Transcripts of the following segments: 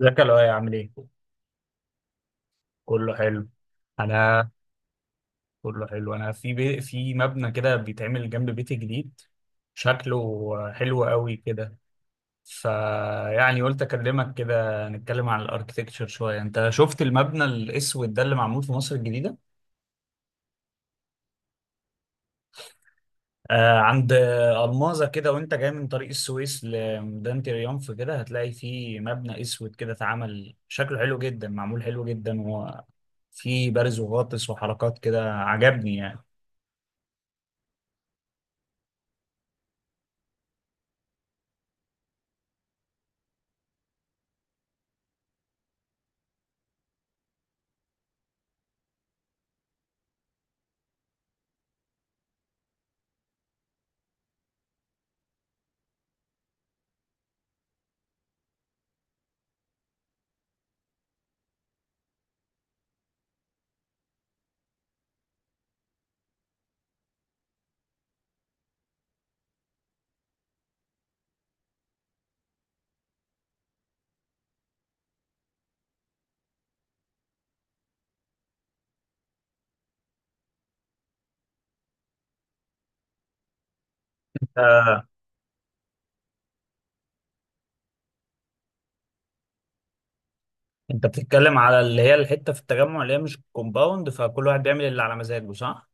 ازيك يا لؤي عامل ايه؟ كله حلو. انا كله حلو. انا في في مبنى كده بيتعمل جنب بيتي جديد، شكله حلو قوي كده. فيعني قلت اكلمك كده نتكلم عن الاركتكتشر شويه. انت شفت المبنى الاسود ده اللي معمول في مصر الجديده؟ آه، عند الماظه كده، وانت جاي من طريق السويس لميدان تريومف كده هتلاقي فيه مبنى اسود كده اتعمل، شكله حلو جدا، معمول حلو جدا، وفيه بارز وغاطس وحركات كده عجبني. يعني انت بتتكلم على اللي هي الحته في التجمع اللي هي مش كومباوند، فكل واحد بيعمل اللي على مزاجه صح؟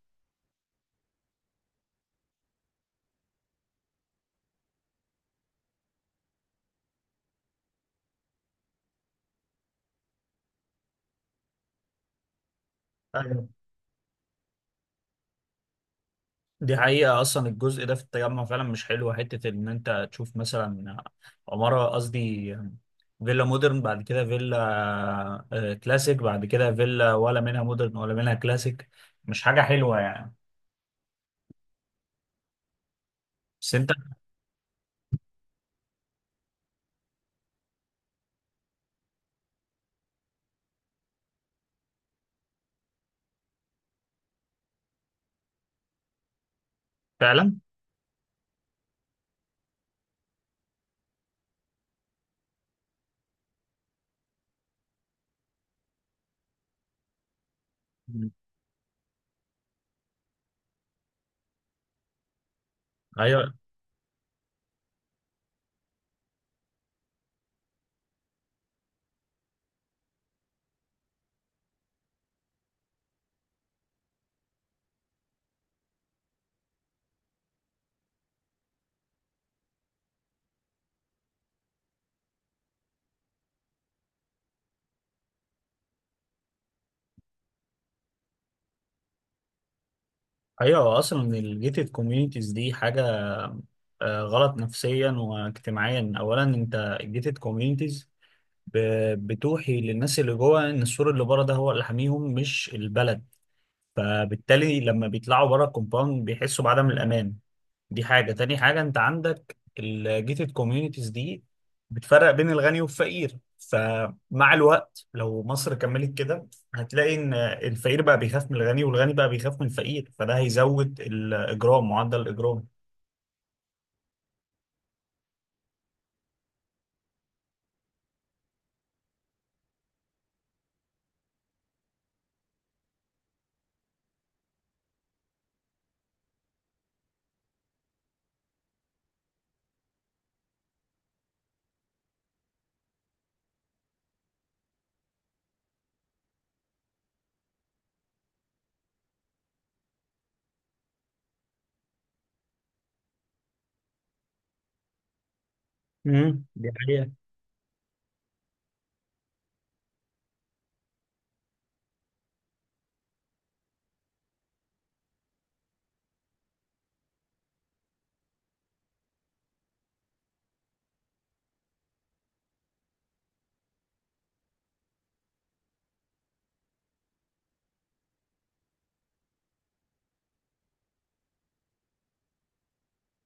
ايوه، دي حقيقة. أصلا الجزء ده في التجمع فعلا مش حلو، حتة إن أنت تشوف مثلا عمارة قصدي فيلا مودرن، بعد كده فيلا كلاسيك، بعد كده فيلا ولا منها مودرن ولا منها كلاسيك. مش حاجة حلوة يعني. بس أنت فعلا. مم. أيوه. أيوه، أصلا الجيتد كوميونيتيز دي حاجة غلط نفسيا واجتماعيا. أولا أنت الجيتد كوميونيتيز بتوحي للناس اللي جوه ان السور اللي بره ده هو اللي حاميهم مش البلد، فبالتالي لما بيطلعوا بره الكومباوند بيحسوا بعدم الامان. دي حاجه، تاني حاجه انت عندك الجيتد كوميونيتيز دي بتفرق بين الغني والفقير، فمع الوقت لو مصر كملت كده هتلاقي ان الفقير بقى بيخاف من الغني والغني بقى بيخاف من الفقير، فده هيزود الاجرام، معدل الاجرام. امم، دي حقيقة.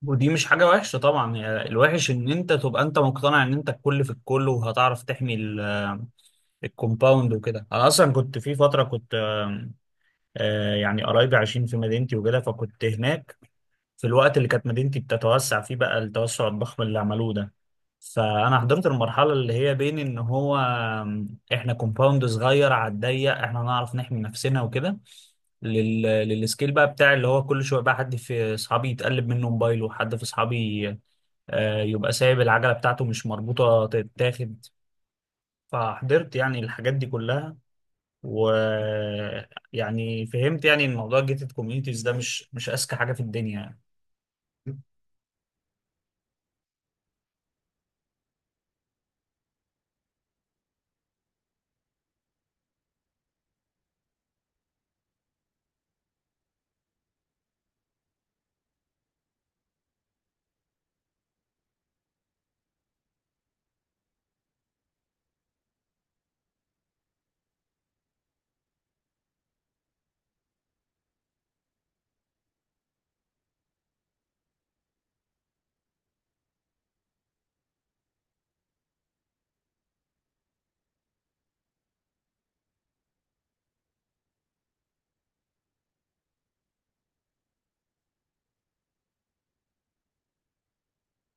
ودي مش حاجة وحشة طبعا، يعني الوحش ان انت تبقى انت مقتنع ان انت الكل في الكل وهتعرف تحمي الكومباوند وكده. انا اصلا كنت في فترة كنت يعني قرايبي عايشين في مدينتي وكده، فكنت هناك في الوقت اللي كانت مدينتي بتتوسع فيه بقى التوسع الضخم اللي عملوه ده. فانا حضرت المرحلة اللي هي بين ان هو احنا كومباوند صغير على الضيق، احنا نعرف نحمي نفسنا وكده، للسكيل بقى بتاع اللي هو كل شويه بقى حد في اصحابي يتقلب منه موبايله، حد في اصحابي يبقى سايب العجلة بتاعته مش مربوطة تتاخد. فحضرت يعني الحاجات دي كلها، ويعني فهمت يعني إن موضوع الجيتد كوميونيتيز ده مش أذكى حاجة في الدنيا يعني.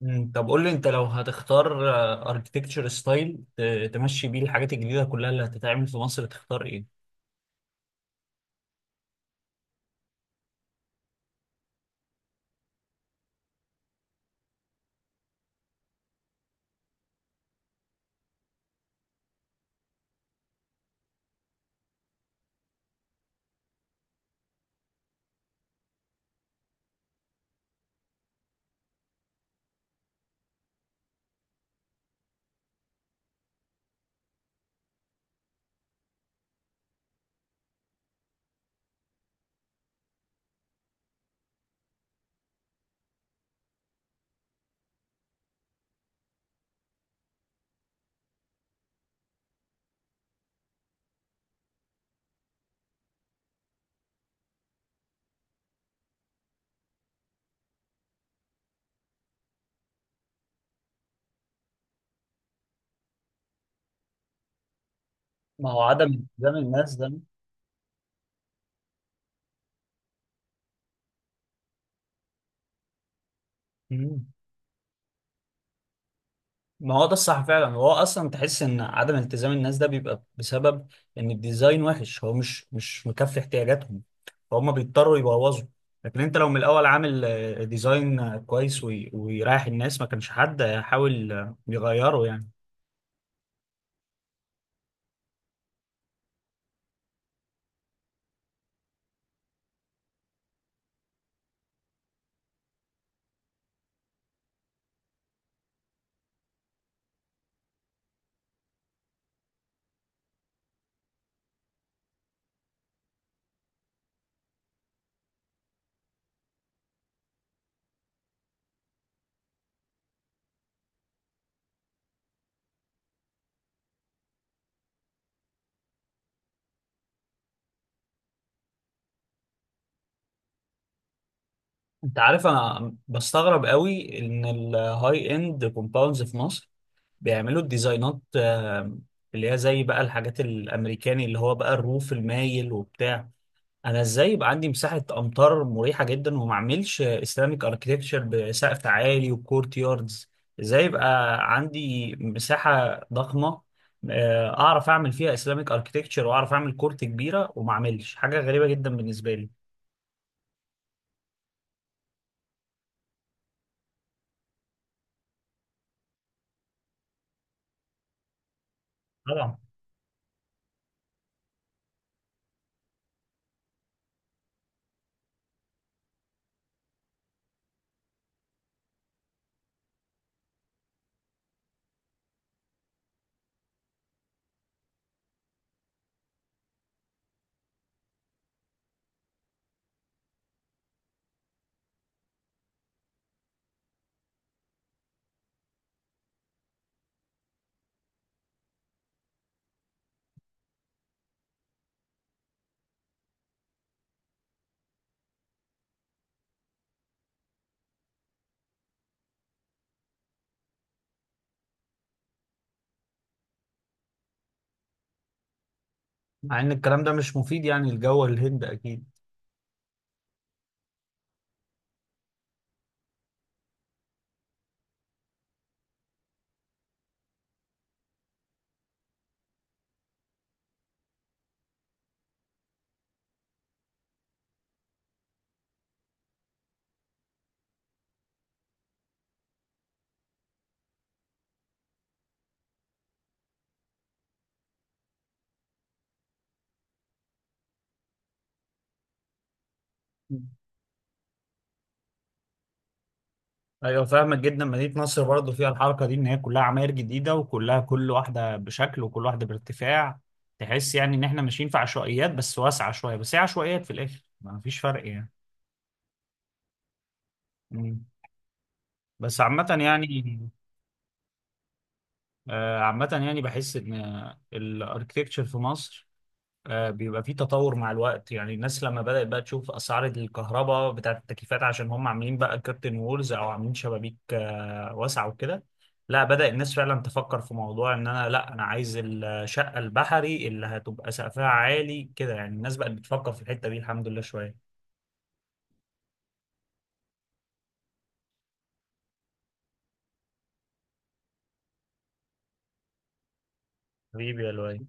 مم، طب قول لي انت لو هتختار اركتكتشر ستايل تمشي بيه الحاجات الجديدة كلها اللي هتتعمل في مصر، تختار ايه؟ ما هو عدم التزام الناس ده. مم. ما هو ده الصح فعلا. هو اصلا تحس ان عدم التزام الناس ده بيبقى بسبب ان الديزاين وحش، هو مش مكفي احتياجاتهم، فهم بيضطروا يبوظوا. لكن انت لو من الاول عامل ديزاين كويس ويريح الناس، ما كانش حد هيحاول يغيره يعني. انت عارف، انا بستغرب قوي ان الهاي اند كومباوندز في مصر بيعملوا الديزاينات اللي هي زي بقى الحاجات الامريكاني اللي هو بقى الروف المايل وبتاع. انا ازاي يبقى عندي مساحه امطار مريحه جدا وما اعملش اسلاميك اركتكتشر بسقف عالي وكورت ياردز؟ ازاي يبقى عندي مساحه ضخمه اعرف اعمل فيها اسلاميك اركتكتشر واعرف اعمل كورت كبيره وما اعملش حاجه غريبه جدا بالنسبه لي؟ طبعا. مع ان الكلام ده مش مفيد يعني لجو الهند اكيد. ايوه، فاهمك جدا. مدينه نصر برضه فيها الحركه دي، ان هي كلها عماير جديده وكلها كل واحده بشكل وكل واحده بارتفاع. تحس يعني ان احنا ماشيين في عشوائيات بس واسعه شويه، بس هي عشوائيات في الاخر، ما فيش فرق يعني. مم. بس عامه يعني. عامه يعني بحس ان الاركتكتشر في مصر بيبقى في تطور مع الوقت. يعني الناس لما بدأت بقى تشوف أسعار الكهرباء بتاعة التكييفات عشان هم عاملين بقى كيرتن وولز أو عاملين شبابيك واسعة وكده، لا، بدأ الناس فعلا تفكر في موضوع إن أنا لا، أنا عايز الشقة البحري اللي هتبقى سقفها عالي كده. يعني الناس بقت بتفكر في الحتة دي الحمد لله شوية. حبيبي يا لؤي.